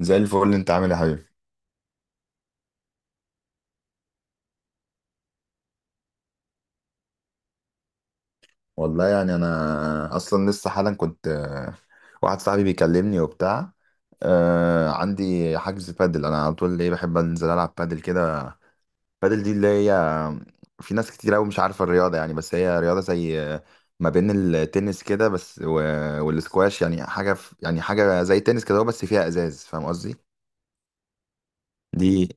زي الفل، انت عامل ايه يا حبيبي؟ والله يعني انا اصلا لسه حالا كنت واحد صاحبي بيكلمني وبتاع. عندي حجز بادل، انا على طول ايه، بحب انزل العب بادل كده. بادل دي اللي هي، في ناس كتير قوي مش عارفه الرياضه يعني، بس هي رياضه زي ما بين التنس كده بس والسكواش، يعني حاجه يعني حاجه زي التنس كده هو، بس فيها ازاز، فاهم قصدي؟ دي،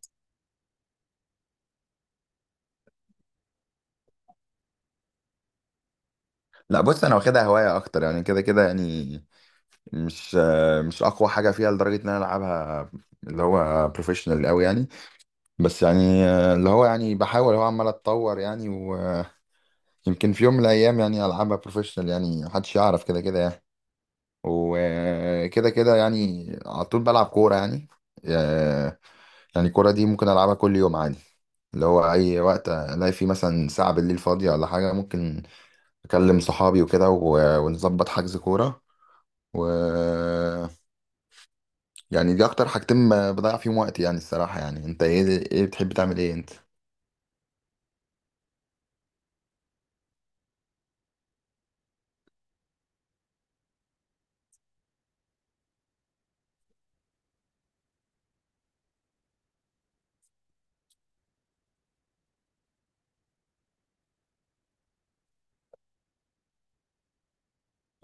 لا بص، انا واخدها هوايه اكتر يعني، كده كده يعني مش اقوى حاجه فيها لدرجه ان انا العبها اللي هو بروفيشنال قوي يعني. بس يعني اللي هو يعني بحاول، هو عمال اتطور يعني، ويمكن في يوم من الايام يعني العبها بروفيشنال، يعني محدش يعرف، كده كده يعني. وكده كده يعني على طول بلعب كوره يعني، آه، يعني الكوره دي ممكن العبها كل يوم عادي، اللي هو اي وقت الاقي فيه مثلا ساعه بالليل فاضيه ولا حاجه، ممكن اكلم صحابي وكده و- ونظبط حجز كوره و يعني دي اكتر حاجتين ب- بضيع فيهم وقتي يعني الصراحة. يعني انت ايه بتحب تعمل ايه انت؟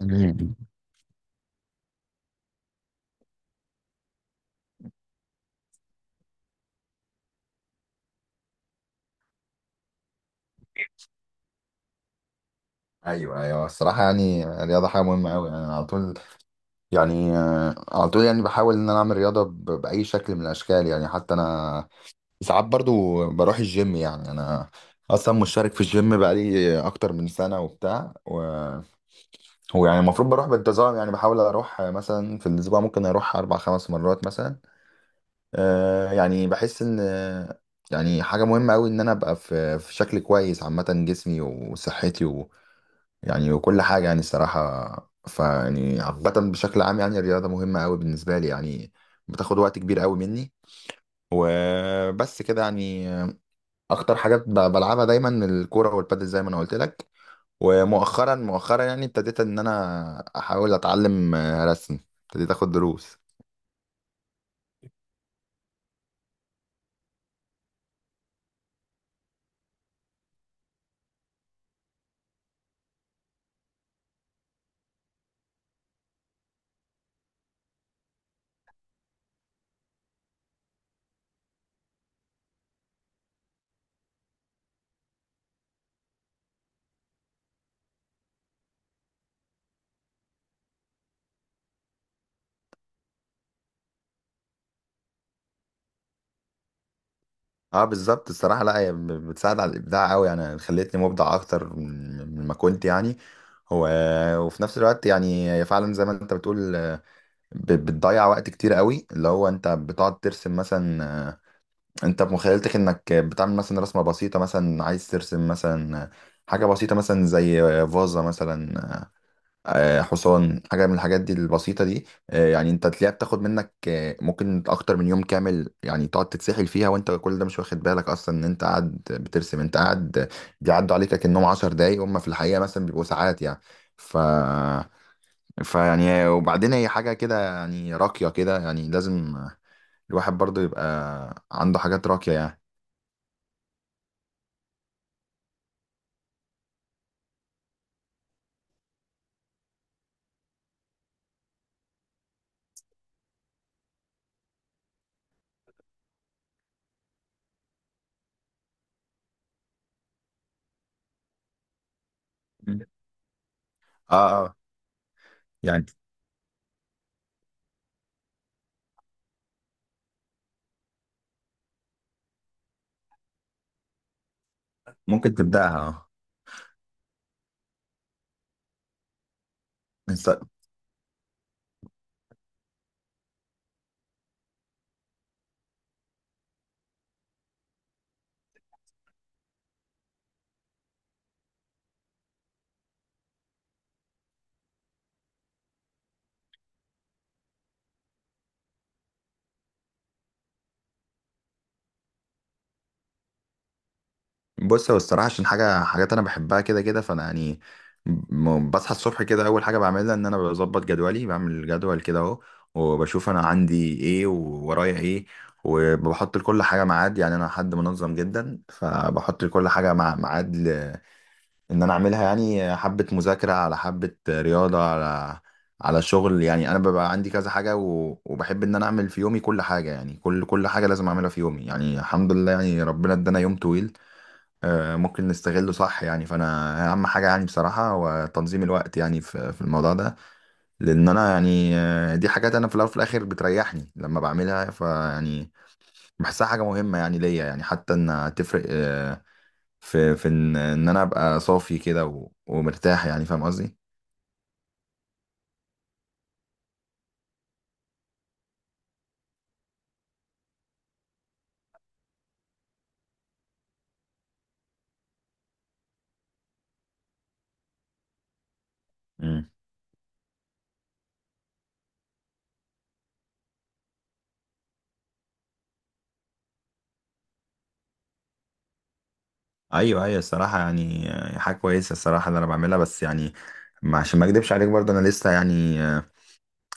مم. ايوه ايوه، الصراحه يعني الرياضه حاجه مهمه قوي يعني. أنا على طول يعني، على طول يعني بحاول ان انا اعمل رياضه ب- باي شكل من الاشكال يعني. حتى انا ساعات برضو بروح الجيم، يعني انا اصلا مشترك في الجيم بقالي اكتر من سنه وبتاع، وهو يعني المفروض بروح بانتظام يعني، بحاول اروح مثلا في الاسبوع ممكن اروح اربع خمس مرات مثلا. يعني بحس ان يعني حاجة مهمة قوي ان انا ابقى في شكل كويس عامة، جسمي وصحتي ويعني وكل حاجة يعني، الصراحة فيعني عامة بشكل عام يعني الرياضة مهمة قوي بالنسبة لي يعني، بتاخد وقت كبير قوي مني. وبس كده يعني، اكتر حاجات ب- بلعبها دايما الكورة والبادل زي ما انا قلت لك. ومؤخرا مؤخرا يعني ابتديت ان انا احاول اتعلم رسم، ابتديت اخد دروس. اه بالظبط الصراحه، لا هي ب- بتساعد على الابداع قوي يعني، خلتني مبدع اكتر من ما كنت يعني. هو وفي نفس الوقت يعني هي فعلا زي ما انت بتقول، ب- بتضيع وقت كتير قوي، اللي هو انت بتقعد ترسم مثلا، انت بمخيلتك انك بتعمل مثلا رسمه بسيطه، مثلا عايز ترسم مثلا حاجه بسيطه مثلا زي فازه مثلا، حصان، حاجة من الحاجات دي البسيطة دي، يعني انت تلاقيها بتاخد منك ممكن اكتر من يوم كامل يعني، تقعد تتسحل فيها وانت كل ده مش واخد بالك اصلا ان انت قاعد بترسم. انت قاعد بيعدوا عليك كأنهم 10 دقايق، هم في الحقيقة مثلا بيبقوا ساعات يعني. ف فيعني وبعدين هي حاجة كده يعني راقية كده، يعني لازم الواحد برضو يبقى عنده حاجات راقية يعني. مم. اه اه، يعني ممكن تبدأها. اه، بص، هو الصراحة عشان حاجات أنا بحبها كده كده، فأنا يعني بصحى الصبح كده، أول حاجة بعملها إن أنا بظبط جدولي، بعمل جدول كده أهو، وبشوف أنا عندي إيه وورايا إيه، وبحط لكل حاجة ميعاد. يعني أنا حد منظم جدا، فبحط لكل حاجة مع ميعاد إن أنا أعملها، يعني حبة مذاكرة على حبة رياضة على شغل. يعني أنا ببقى عندي كذا حاجة و... وبحب إن أنا أعمل في يومي كل حاجة، يعني كل حاجة لازم أعملها في يومي يعني. الحمد لله يعني ربنا إدانا يوم طويل ممكن نستغله صح يعني. فانا اهم حاجه يعني بصراحه هو تنظيم الوقت يعني في الموضوع ده، لان انا يعني، دي حاجات انا في الاول وفي الاخر بتريحني لما بعملها فيعني، بحسها حاجه مهمه يعني ليا يعني، حتى انها تفرق في إن انا ابقى صافي كده و- ومرتاح يعني، فاهم قصدي؟ مم. ايوه ايوه، الصراحه يعني حاجه كويسه الصراحه اللي انا بعملها، بس يعني عشان ما اكدبش عليك برضه، انا لسه يعني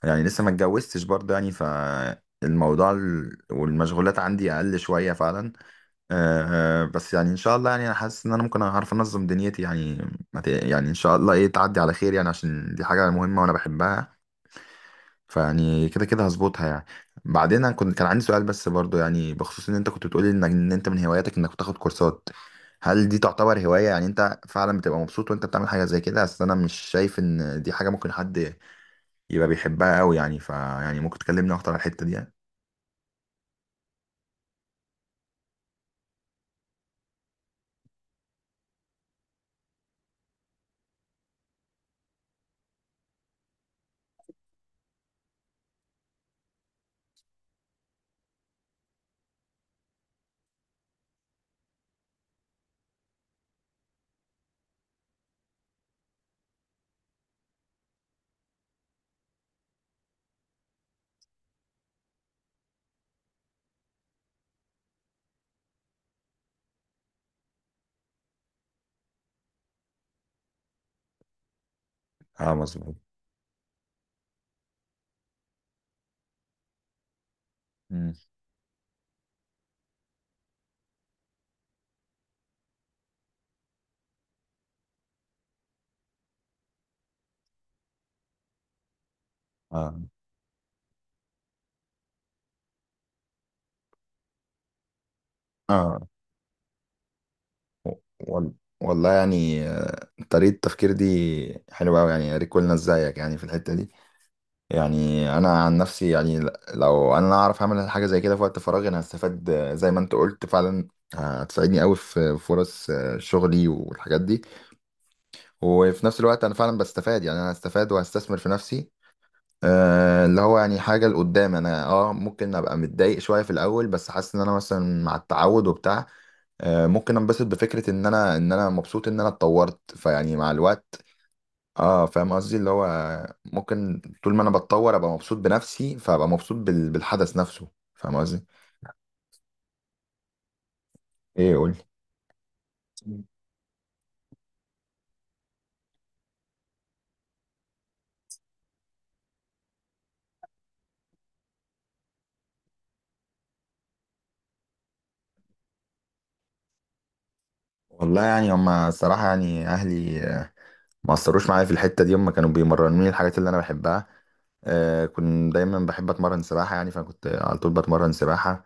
يعني لسه ما اتجوزتش برضه يعني، فالموضوع والمشغولات عندي اقل شويه فعلا. أه آه، بس يعني ان شاء الله، يعني انا حاسس ان انا ممكن اعرف انظم دنيتي يعني، ما ت- يعني ان شاء الله ايه تعدي على خير يعني، عشان دي حاجه مهمه وانا بحبها، فيعني كده كده هظبطها يعني. بعدين انا كان عندي سؤال بس برضه يعني، بخصوص ان انت كنت بتقولي انك، انت من هواياتك انك بتاخد كورسات، هل دي تعتبر هوايه؟ يعني انت فعلا بتبقى مبسوط وانت بتعمل حاجه زي كده؟ اصل انا مش شايف ان دي حاجه ممكن حد يبقى بيحبها قوي يعني، فيعني ممكن تكلمني اكتر على الحتة دي يعني. اه مظبوط. مم. اه اه. وال- والله يعني، طريقة التفكير دي حلوة أوي يعني، يا ريت كلنا زيك يعني في الحتة دي. يعني أنا عن نفسي يعني، ل- لو أنا أعرف أعمل حاجة زي كده في وقت فراغي، أنا هستفاد، زي ما أنت قلت فعلا، هتساعدني أوي في فرص، شغلي والحاجات دي. وفي نفس الوقت أنا فعلا بستفاد يعني، أنا هستفاد وهستثمر في نفسي، اللي هو يعني حاجة لقدام. أنا ممكن أبقى متضايق شوية في الأول، بس حاسس إن أنا مثلا مع التعود وبتاع، ممكن أنبسط بفكرة إن أنا مبسوط إن أنا اتطورت فيعني مع الوقت. اه فاهم قصدي، اللي هو ممكن طول ما أنا بتطور أبقى مبسوط بنفسي، فأبقى مبسوط بال- بالحدث نفسه، فاهم قصدي؟ إيه؟ قولي. والله يعني، هما الصراحة يعني أهلي ما اثروش معايا في الحته دي، هم كانوا بيمرنوني الحاجات اللي انا بحبها. كنت دايما بحب اتمرن سباحه يعني، فكنت على طول بتمرن سباحه.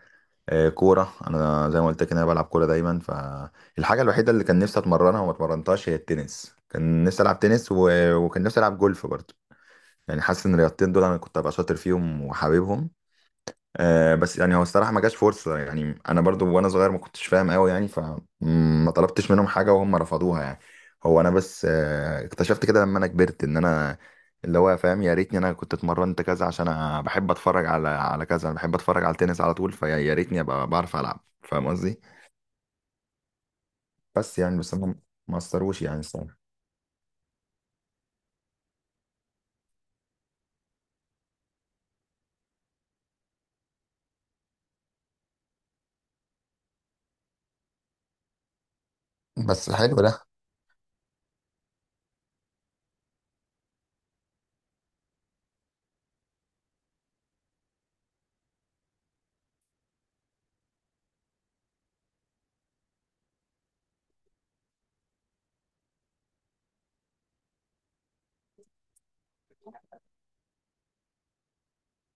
كوره انا زي ما قلت لك إن انا بلعب كوره دايما. فالحاجه الوحيده اللي كان نفسي اتمرنها وما اتمرنتهاش هي التنس، كان نفسي العب تنس، و... وكان نفسي العب جولف برضه. يعني حاسس ان الرياضتين دول انا كنت ابقى شاطر فيهم وحاببهم. بس يعني هو الصراحة ما جاش فرصة يعني، أنا برضو وأنا صغير ما كنتش فاهم أوي يعني، فما طلبتش منهم حاجة وهم رفضوها يعني. هو أنا بس اكتشفت كده لما أنا كبرت إن أنا، اللي هو فاهم، يا ريتني أنا كنت اتمرنت كذا، عشان أنا بحب أتفرج على كذا. أنا بحب أتفرج على التنس على طول، يا ريتني أبقى بعرف ألعب، فاهم قصدي؟ بس يعني، بس هم ما أثروش يعني الصراحة. بس حلو ده.